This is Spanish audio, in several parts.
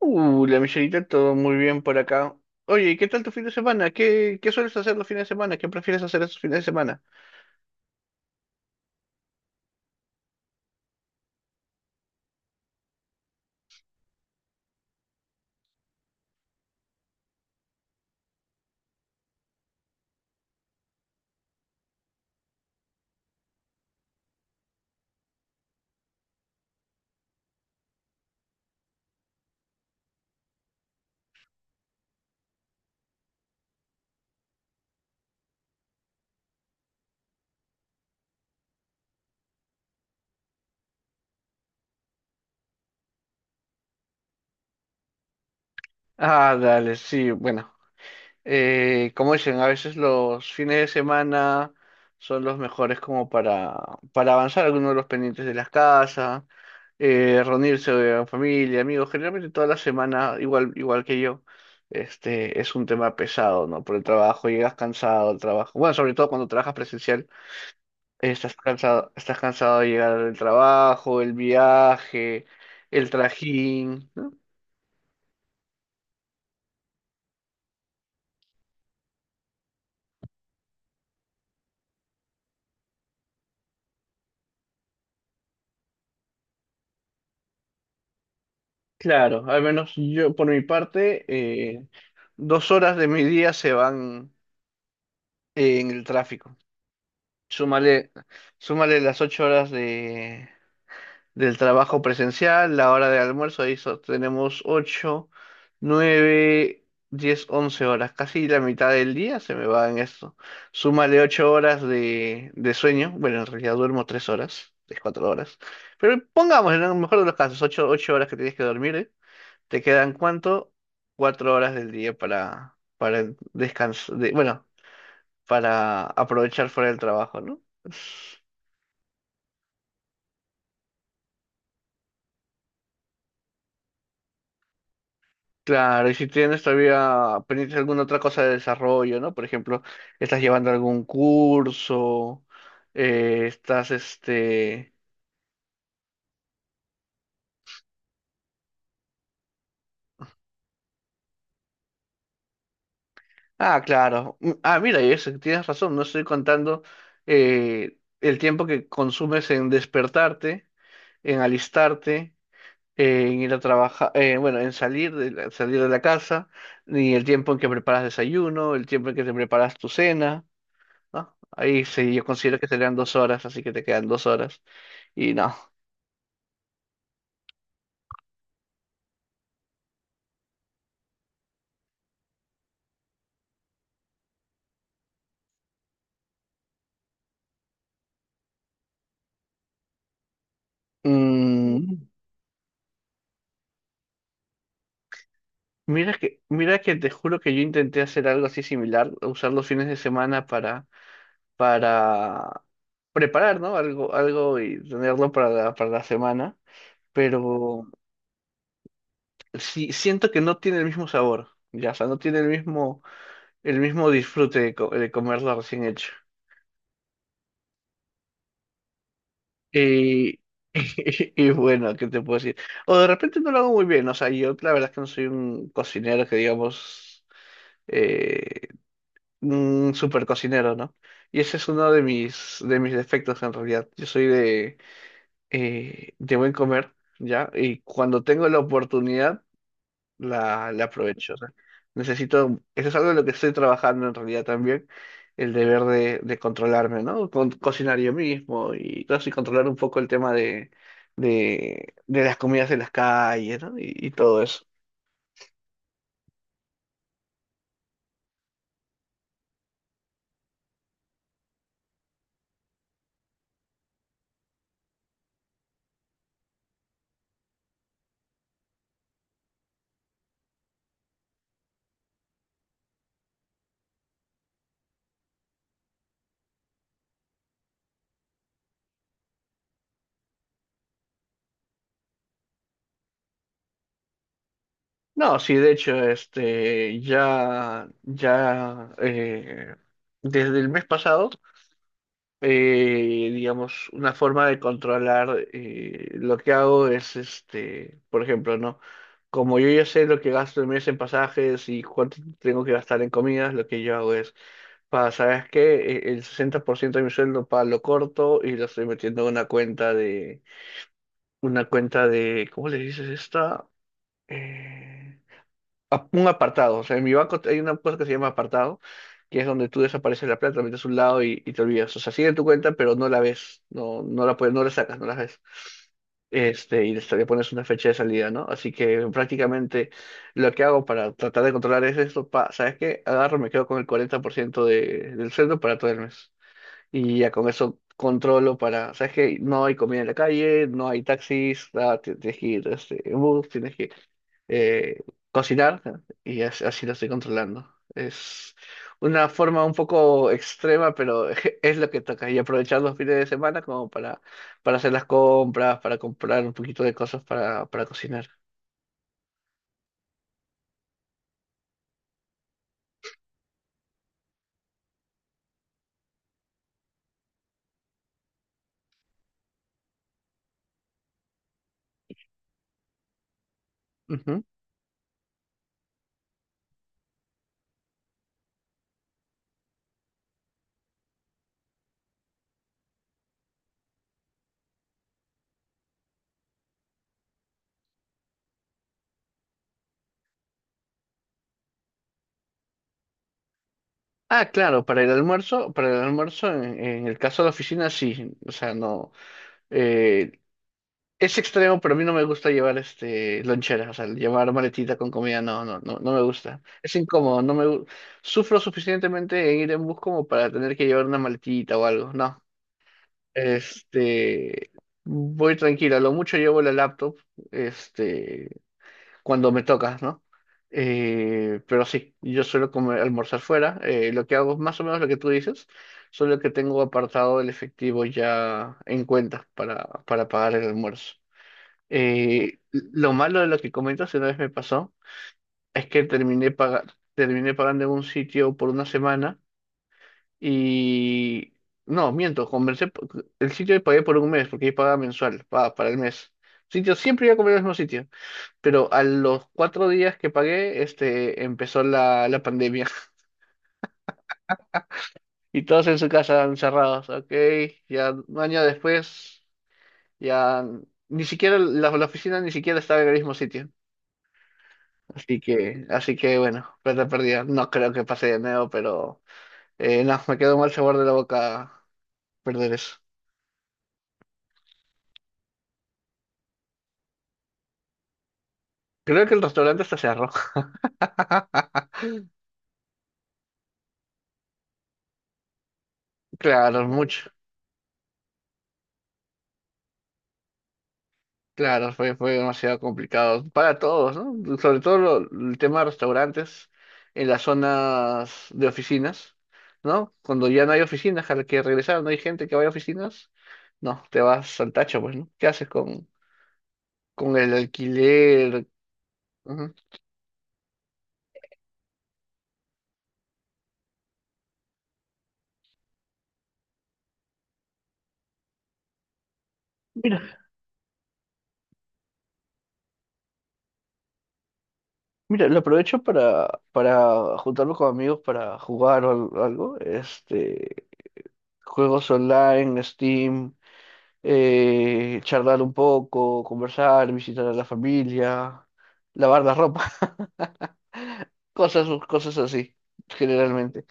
La Michelita, todo muy bien por acá. Oye, ¿y qué tal tu fin de semana? ¿Qué sueles hacer los fines de semana? ¿Qué prefieres hacer esos fines de semana? Ah, dale, sí, bueno. Como dicen, a veces los fines de semana son los mejores como para avanzar algunos de los pendientes de las casas, reunirse en familia, amigos. Generalmente toda la semana, igual, igual que yo, este, es un tema pesado, ¿no? Por el trabajo, llegas cansado al trabajo. Bueno, sobre todo cuando trabajas presencial. Estás cansado de llegar del trabajo, el viaje, el trajín. Claro, al menos yo por mi parte, eh, 2 horas de mi día se van en el tráfico. Súmale, súmale las 8 horas del trabajo presencial, la hora de almuerzo, ahí tenemos 8, 9, 10, 11 horas, casi la mitad del día se me va en esto. Súmale 8 horas de sueño, bueno, en realidad duermo 3 horas, 3, 4 horas, pero pongamos en el mejor de los casos, ocho horas que tienes que dormir, ¿eh? ¿Te quedan cuánto? 4 horas del día para descansar, bueno, para aprovechar fuera del trabajo, ¿no? Claro, y si tienes todavía pendiente alguna otra cosa de desarrollo, ¿no? Por ejemplo, estás llevando algún curso, estás este… Ah, claro. Ah, mira, y eso, tienes razón, no estoy contando el tiempo que consumes en despertarte, en alistarte, en ir a trabajar, bueno, en salir de la casa, ni el tiempo en que preparas desayuno, el tiempo en que te preparas tu cena, ¿no? Ahí sí, yo considero que serían 2 horas, así que te quedan 2 horas. Y no. Mm, mira que te juro que yo intenté hacer algo así similar, usar los fines de semana para preparar, ¿no? Algo, algo y tenerlo para la semana. Pero sí, siento que no tiene el mismo sabor. Ya, o sea, no tiene el mismo disfrute de comerlo recién hecho. Y, y bueno, ¿qué te puedo decir? O de repente no lo hago muy bien, o sea, yo la verdad es que no soy un cocinero que digamos, eh, un super cocinero, ¿no? Y ese es uno de mis defectos en realidad. Yo soy de buen comer, ¿ya? Y cuando tengo la oportunidad, la aprovecho. O sea, necesito, eso es algo de lo que estoy trabajando en realidad también, el deber de controlarme, ¿no? Cocinar yo mismo y todo eso, y controlar un poco el tema de las comidas de las calles, ¿no? Y todo eso. No, sí, de hecho, este, ya, ya, desde el mes pasado, digamos, una forma de controlar lo que hago es, este, por ejemplo, ¿no? Como yo ya sé lo que gasto el mes en pasajes y cuánto tengo que gastar en comidas, lo que yo hago es, para, ¿sabes qué? El 60% de mi sueldo para lo corto y lo estoy metiendo en una cuenta de, ¿cómo le dices esta? Eh, un apartado. O sea, en mi banco hay una cosa que se llama apartado, que es donde tú desapareces la plata, la metes a un lado y te olvidas. O sea, sigue en tu cuenta, pero no la ves. No, no la puedes, no la sacas, no la ves. Este, y le pones una fecha de salida, ¿no? Así que prácticamente lo que hago para tratar de controlar es esto, pa, ¿sabes qué? Agarro, me quedo con el 40% del sueldo para todo el mes. Y ya con eso controlo para, ¿sabes qué? No hay comida en la calle, no hay taxis, ah, tienes que ir este, en bus, tienes que eh, cocinar y así lo estoy controlando. Es una forma un poco extrema, pero es lo que toca. Y aprovechar los fines de semana como para hacer las compras, para comprar un poquito de cosas para cocinar. Ujú. Ah, claro, para el almuerzo en el caso de la oficina sí, o sea, no, eh, es extremo, pero a mí no me gusta llevar este lonchera, o sea, llevar maletita con comida, no, no, no, no me gusta. Es incómodo, no me gu- sufro suficientemente en ir en bus como para tener que llevar una maletita o algo. No. Este, voy tranquila, lo mucho llevo la laptop, este, cuando me toca, ¿no? Pero sí, yo suelo comer, almorzar fuera. Lo que hago es más o menos lo que tú dices, solo que tengo apartado el efectivo ya en cuenta para pagar el almuerzo. Lo malo de lo que comentas, una vez me pasó, es que terminé pagando en un sitio por una semana y… No, miento, conversé, el sitio que pagué por un mes, porque ahí pagaba mensual, para el mes. Sitio, siempre iba a comer al mismo sitio, pero a los 4 días que pagué, este, empezó la pandemia y todos en su casa encerrados, ok, ya un año después, ya ni siquiera la oficina ni siquiera estaba en el mismo sitio. Así que bueno, plata perdida. No creo que pase de nuevo, pero no, me quedó mal sabor de la boca perder eso. Creo que el restaurante está cerró. Claro, mucho. Claro, fue demasiado complicado para todos, ¿no? Sobre todo el tema de restaurantes en las zonas de oficinas, ¿no? Cuando ya no hay oficinas a las que regresar, no hay gente que vaya a oficinas, no, te vas al tacho, pues, ¿no? ¿Qué haces con el alquiler? Ujú. Mira, lo aprovecho para juntarme con amigos para jugar o algo. Este, juegos online, Steam, charlar un poco, conversar, visitar a la familia, lavar la ropa. Cosas, cosas así, generalmente.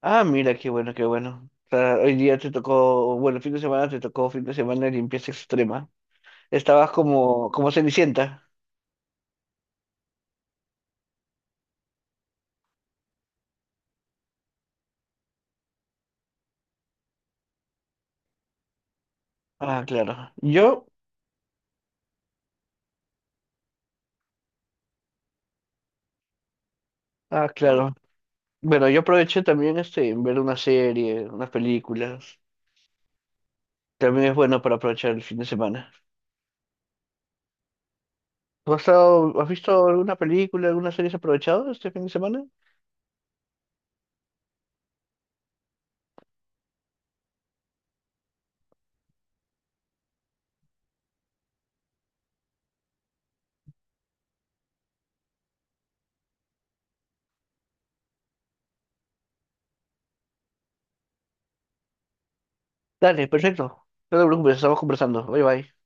Ah, mira, qué bueno, qué bueno. O sea, hoy día te tocó, bueno, fin de semana te tocó fin de semana de limpieza extrema. Estabas como, como Cenicienta. Ah, claro. Yo, ah, claro. Bueno, yo aproveché también este, en ver una serie, unas películas. También es bueno para aprovechar el fin de semana. ¿Tú has visto alguna película, alguna serie has aprovechado este fin de semana? Dale, perfecto. No te preocupes, estamos conversando. Bye bye.